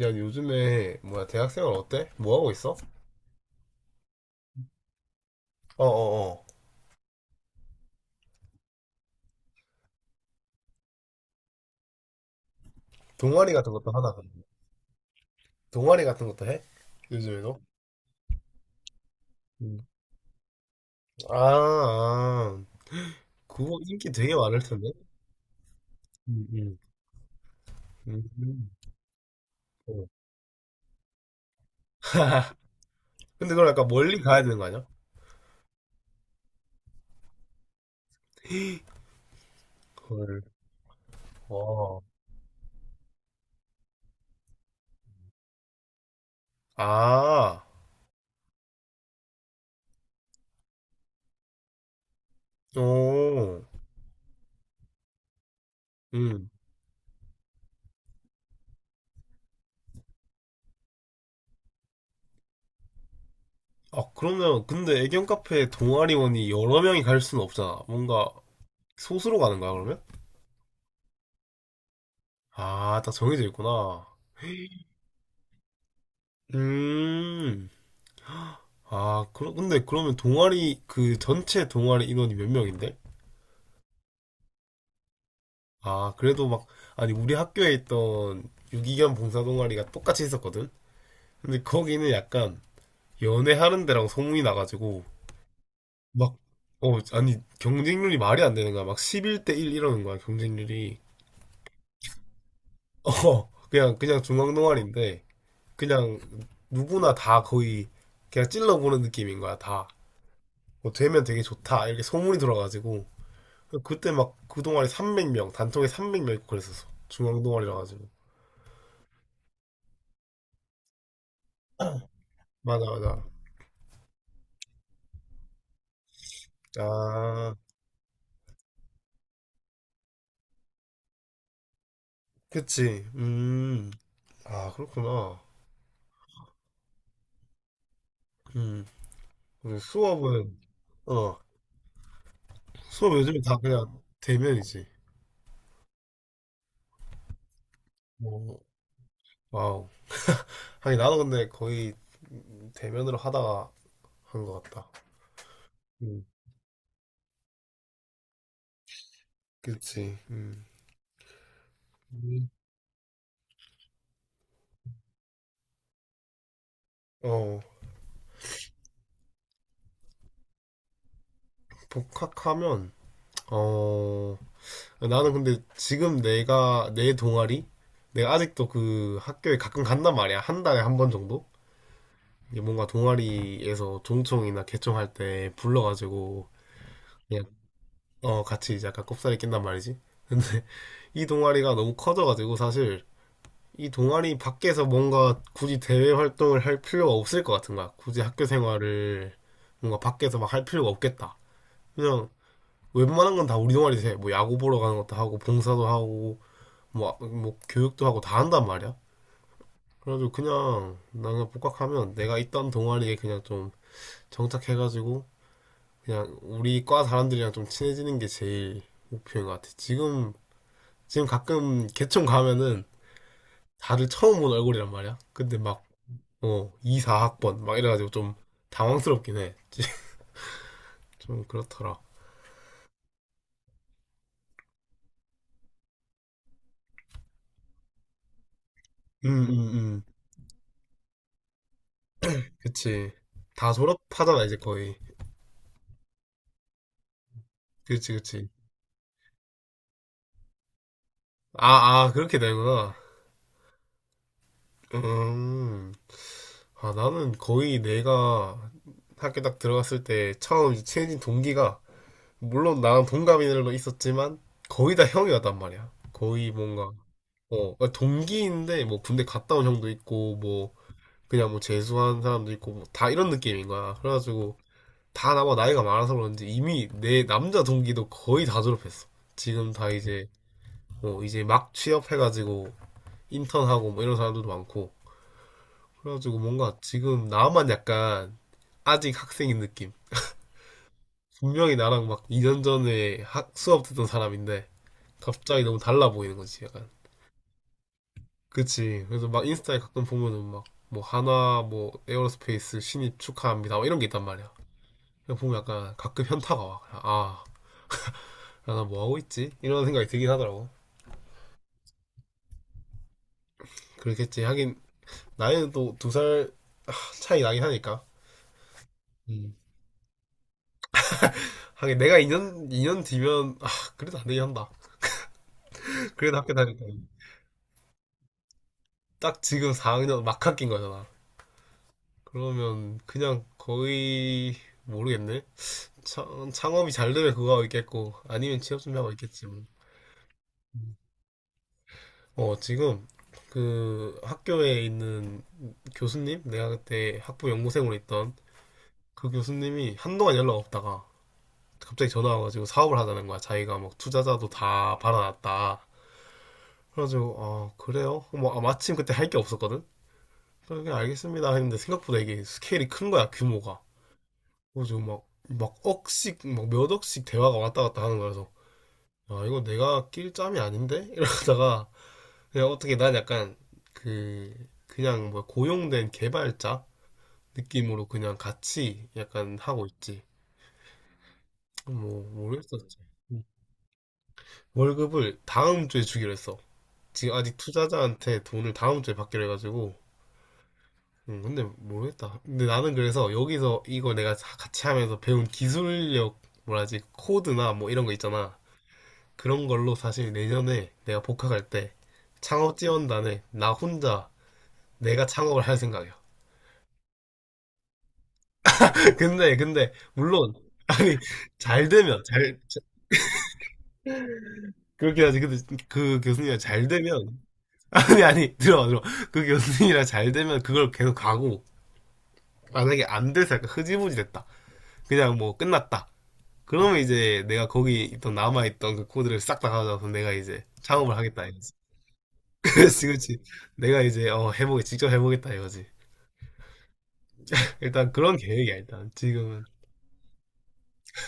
야, 요즘에 뭐야 대학생활 어때? 뭐 하고 있어? 어, 어, 어. 동아리 같은 것도 하나. 그럼. 동아리 같은 것도 해? 요즘에도? 음. 아, 아. 그거 인기 되게 많을 텐데. 음, 음. 음. 어. 근데 그걸 약간 멀리 가야 되는 거 아니야? 헐. 와. 아, 오. 음. 아, 그러면 근데 애견 카페 동아리원이 여러 명이 갈 수는 없잖아. 뭔가 소수로 가는 거야, 그러면? 아, 딱 정해져 있구나. 음. 아, 근데 그러면 그 전체 동아리 인원이 몇 명인데? 아, 그래도 막, 아니, 우리 학교에 있던 유기견 봉사 동아리가 똑같이 있었거든? 근데 거기는 약간 연애하는 데라고 소문이 나가지고, 막, 아니, 경쟁률이 말이 안 되는 거야. 막 11대 1 이러는 거야, 경쟁률이. 어, 그냥 중앙 동아리인데, 그냥 누구나 다 거의, 그냥 찔러보는 느낌인 거야, 다. 뭐 되면 되게 좋다, 이렇게 소문이 돌아가지고. 그때 막 그 동아리 300명, 단톡에 300명 있고 그랬었어. 중앙 동아리라 가지고. 맞아, 맞아. 아, 그치. 음. 아, 그렇구나. 음. 근데 수업은 어, 수업 요즘에 다 그냥 대면이지. 뭐, 와우. 아니 나도 근데 거의 대면으로 하다가 한 것 같다. 음. 그치. 음. 어, 복학하면 어, 나는 근데 지금 내가 내 동아리 내가 아직도 그 학교에 가끔 간단 말이야. 한 달에 한 번 정도? 이게 뭔가 동아리에서 종총이나 개총할 때 불러가지고 그냥 같이 이제 약간 꼽사리 낀단 말이지. 근데 이 동아리가 너무 커져가지고 사실 이 동아리 밖에서 뭔가 굳이 대외 활동을 할 필요가 없을 것 같은 거야. 굳이 학교 생활을 뭔가 밖에서 막 할 필요가 없겠다. 그냥 웬만한 건 다 우리 동아리에서 해. 뭐 야구 보러 가는 것도 하고 봉사도 하고 뭐, 뭐 교육도 하고 다 한단 말이야. 그래가지고 그냥 나는 복학하면 내가 있던 동아리에 그냥 좀 정착해가지고 그냥 우리 과 사람들이랑 좀 친해지는 게 제일 목표인 것 같아. 지금 가끔 개총 가면은 다들 처음 본 얼굴이란 말이야. 근데 막 2, 4학번 막 이래가지고 좀 당황스럽긴 해. 좀 그렇더라. 음, 음, 음. 그치. 다 졸업하잖아 이제 거의. 그치, 그치. 아, 아, 그렇게 되는구나. 음. 아, 나는 거의 내가 학교 딱 들어갔을 때 처음 이제 친해진 동기가 물론 나랑 동갑인들도 있었지만 거의 다 형이었단 말이야. 거의 뭔가 동기인데 뭐 군대 갔다 온 형도 있고 뭐 그냥 뭐 재수한 사람도 있고 뭐다 이런 느낌인 거야. 그래가지고 다 나보다 나이가 많아서 그런지 이미 내 남자 동기도 거의 다 졸업했어. 지금 다 이제 이제 막 취업해가지고 인턴하고 뭐 이런 사람들도 많고 그래가지고 뭔가 지금 나만 약간 아직 학생인 느낌. 분명히 나랑 막 2년 전에 수업 듣던 사람인데 갑자기 너무 달라 보이는 거지, 약간. 그치. 그래서 막 인스타에 가끔 보면은 막 뭐 하나 뭐 에어로스페이스 신입 축하합니다 뭐 이런 게 있단 말이야. 그냥 보면 약간 가끔 현타가 와. 아, 나 뭐 하고 있지? 이런 생각이 들긴 하더라고. 그렇겠지. 하긴 나이는 또 두 살 차이 나긴 하니까. 음. 하긴 내가 2년 이 년 뒤면 아, 그래도 안 되긴 한다. 그래도 학교 다닐 때. 딱 지금 4학년 막학기인 거잖아. 그러면 그냥 거의 모르겠네. 창업이 잘 되면 그거 하고 있겠고 아니면 취업 준비하고 있겠지 뭐. 지금 그 학교에 있는 교수님 내가 그때 학부 연구생으로 있던 그 교수님이 한동안 연락 없다가 갑자기 전화 와가지고 사업을 하자는 거야. 자기가 막 투자자도 다 받아놨다. 그래가지고 아 그래요? 뭐 아, 마침 그때 할 게 없었거든. 그래 알겠습니다 했는데 생각보다 이게 스케일이 큰 거야 규모가. 그래서 막 몇 억씩 대화가 왔다 갔다 하는 거라서, 아, 이거 내가 낄 짬이 아닌데? 이러다가, 그냥 어떻게 난 약간, 그, 그냥 뭐 고용된 개발자 느낌으로 그냥 같이 약간 하고 있지. 뭐, 모르겠었지. 음. 월급을 다음 주에 주기로 했어. 지금 아직 투자자한테 돈을 다음 주에 받기로 해가지고, 근데 모르겠다. 근데 나는 그래서 여기서 이거 내가 같이 하면서 배운 기술력, 뭐라지, 코드나 뭐 이런 거 있잖아. 그런 걸로 사실 내년에 내가 복학할 때 창업 지원단에 나 혼자 내가 창업을 할 생각이야. 근데 물론 아니 잘 되면 그렇긴 하지. 근데 그 교수님이랑 잘 되면 아니 아니 들어 들어 그 교수님이랑 잘 되면 그걸 계속 가고 만약에 안 돼서 약간 흐지부지 됐다. 그냥 뭐 끝났다. 그러면 이제 내가 거기 있던 남아있던 그 코드를 싹 다 가져와서 내가 이제 창업을 하겠다 이거지. 그렇지 그렇지. 내가 이제 어 해보게 직접 해보겠다 이거지. 일단 그런 계획이야, 일단. 지금은.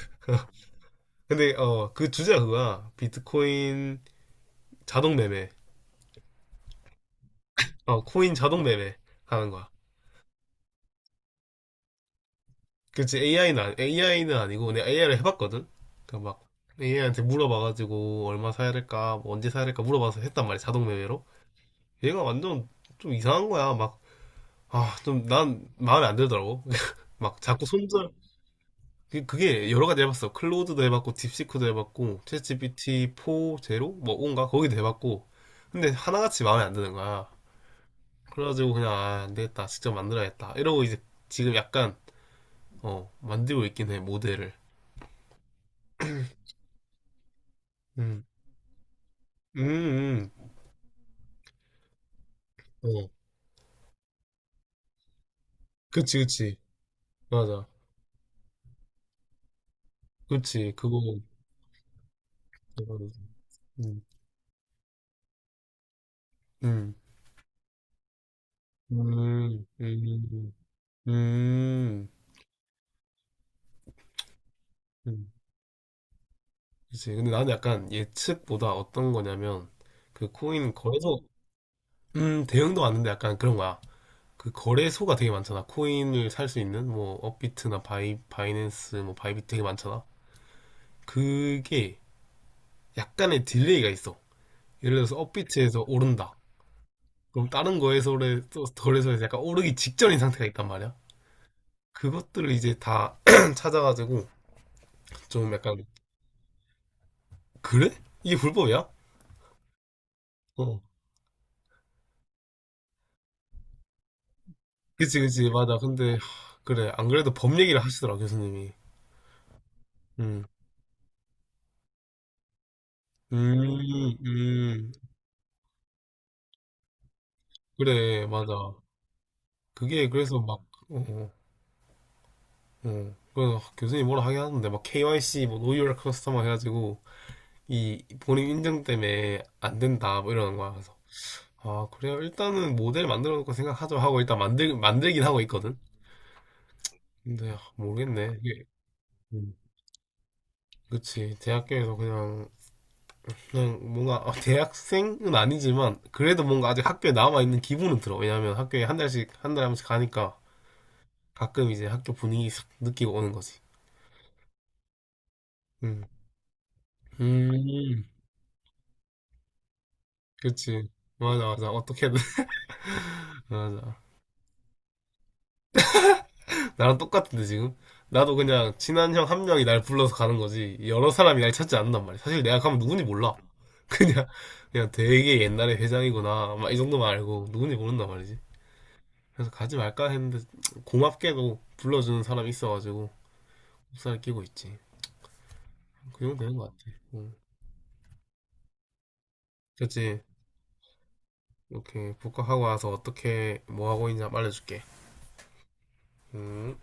근데, 그 주제가 그거야. 비트코인 자동 매매. 코인 자동 매매 하는 거야. 그치, AI는, 아니, AI는 아니고, 내가 AI를 해봤거든? 그니까 막, AI한테 물어봐가지고, 얼마 사야 될까, 뭐 언제 사야 될까 물어봐서 했단 말이야, 자동 매매로. 얘가 완전 좀 이상한 거야. 막, 아, 좀, 난 마음에 안 들더라고. 막, 자꾸 손절, 그게 여러 가지 해봤어. 클로드도 해봤고, 딥시크도 해봤고, 챗 GPT 4, 제로? 뭐, 온가? 거기도 해봤고. 근데 하나같이 마음에 안 드는 거야. 그래가지고 그냥, 아, 안 되겠다. 직접 만들어야겠다. 이러고 이제 지금 약간, 만들고 있긴 해, 모델을. 음, 음, 어. 그치, 그치. 맞아. 그치, 그거. 음, 음, 음, 음, 음. 음. 그치. 근데 나는 약간 예측보다 어떤 거냐면, 그 코인 거래소, 대형도 왔는데 약간 그런 거야. 그 거래소가 되게 많잖아. 코인을 살 수 있는 뭐 업비트나 바이낸스 뭐 바이비트 되게 많잖아. 그게 약간의 딜레이가 있어. 예를 들어서 업비트에서 오른다. 그럼 다른 거래소에 또 거래소에서 약간 오르기 직전인 상태가 있단 말이야. 그것들을 이제 다 찾아가지고 좀 약간 그래? 이게 불법이야? 어. 그치 그치 맞아. 근데 하, 그래 안 그래도 법 얘기를 하시더라 교수님이. 음. 음, 음, 그래, 맞아. 그게 그래서 막, 어, 어, 어. 그래서 교수님이 뭐라 하긴 하는데, 막 KYC, 뭐, Know Your Customer 해가지고, 이 본인 인증 때문에 안 된다, 뭐 이러는 거야. 그래서, 아, 그래요? 일단은 모델 만들어 놓고 생각하죠 하고 일단 만들긴 하고 있거든? 근데, 아, 모르겠네. 이게, 음. 그치. 대학교에서 그냥, 뭔가, 대학생은 아니지만, 그래도 뭔가 아직 학교에 남아있는 기분은 들어. 왜냐면 학교에 한 달에 한 번씩 가니까, 가끔 이제 학교 분위기 싹 느끼고 오는 거지. 음. 음. 그치. 맞아, 맞아. 어떻게든. 맞아. 나랑 똑같은데, 지금? 나도 그냥 친한 형 한 명이 날 불러서 가는 거지. 여러 사람이 날 찾지 않는단 말이야. 사실 내가 가면 누군지 몰라. 그냥, 되게 옛날에 회장이구나. 막 이 정도만 알고 누군지 모른단 말이지. 그래서 가지 말까 했는데, 고맙게도 불러주는 사람이 있어가지고, 흡사를 끼고 있지. 그 정도 되는 것 같아. 응. 그치. 이렇게 복학하고 와서 어떻게, 뭐 하고 있냐 알려줄게. 음.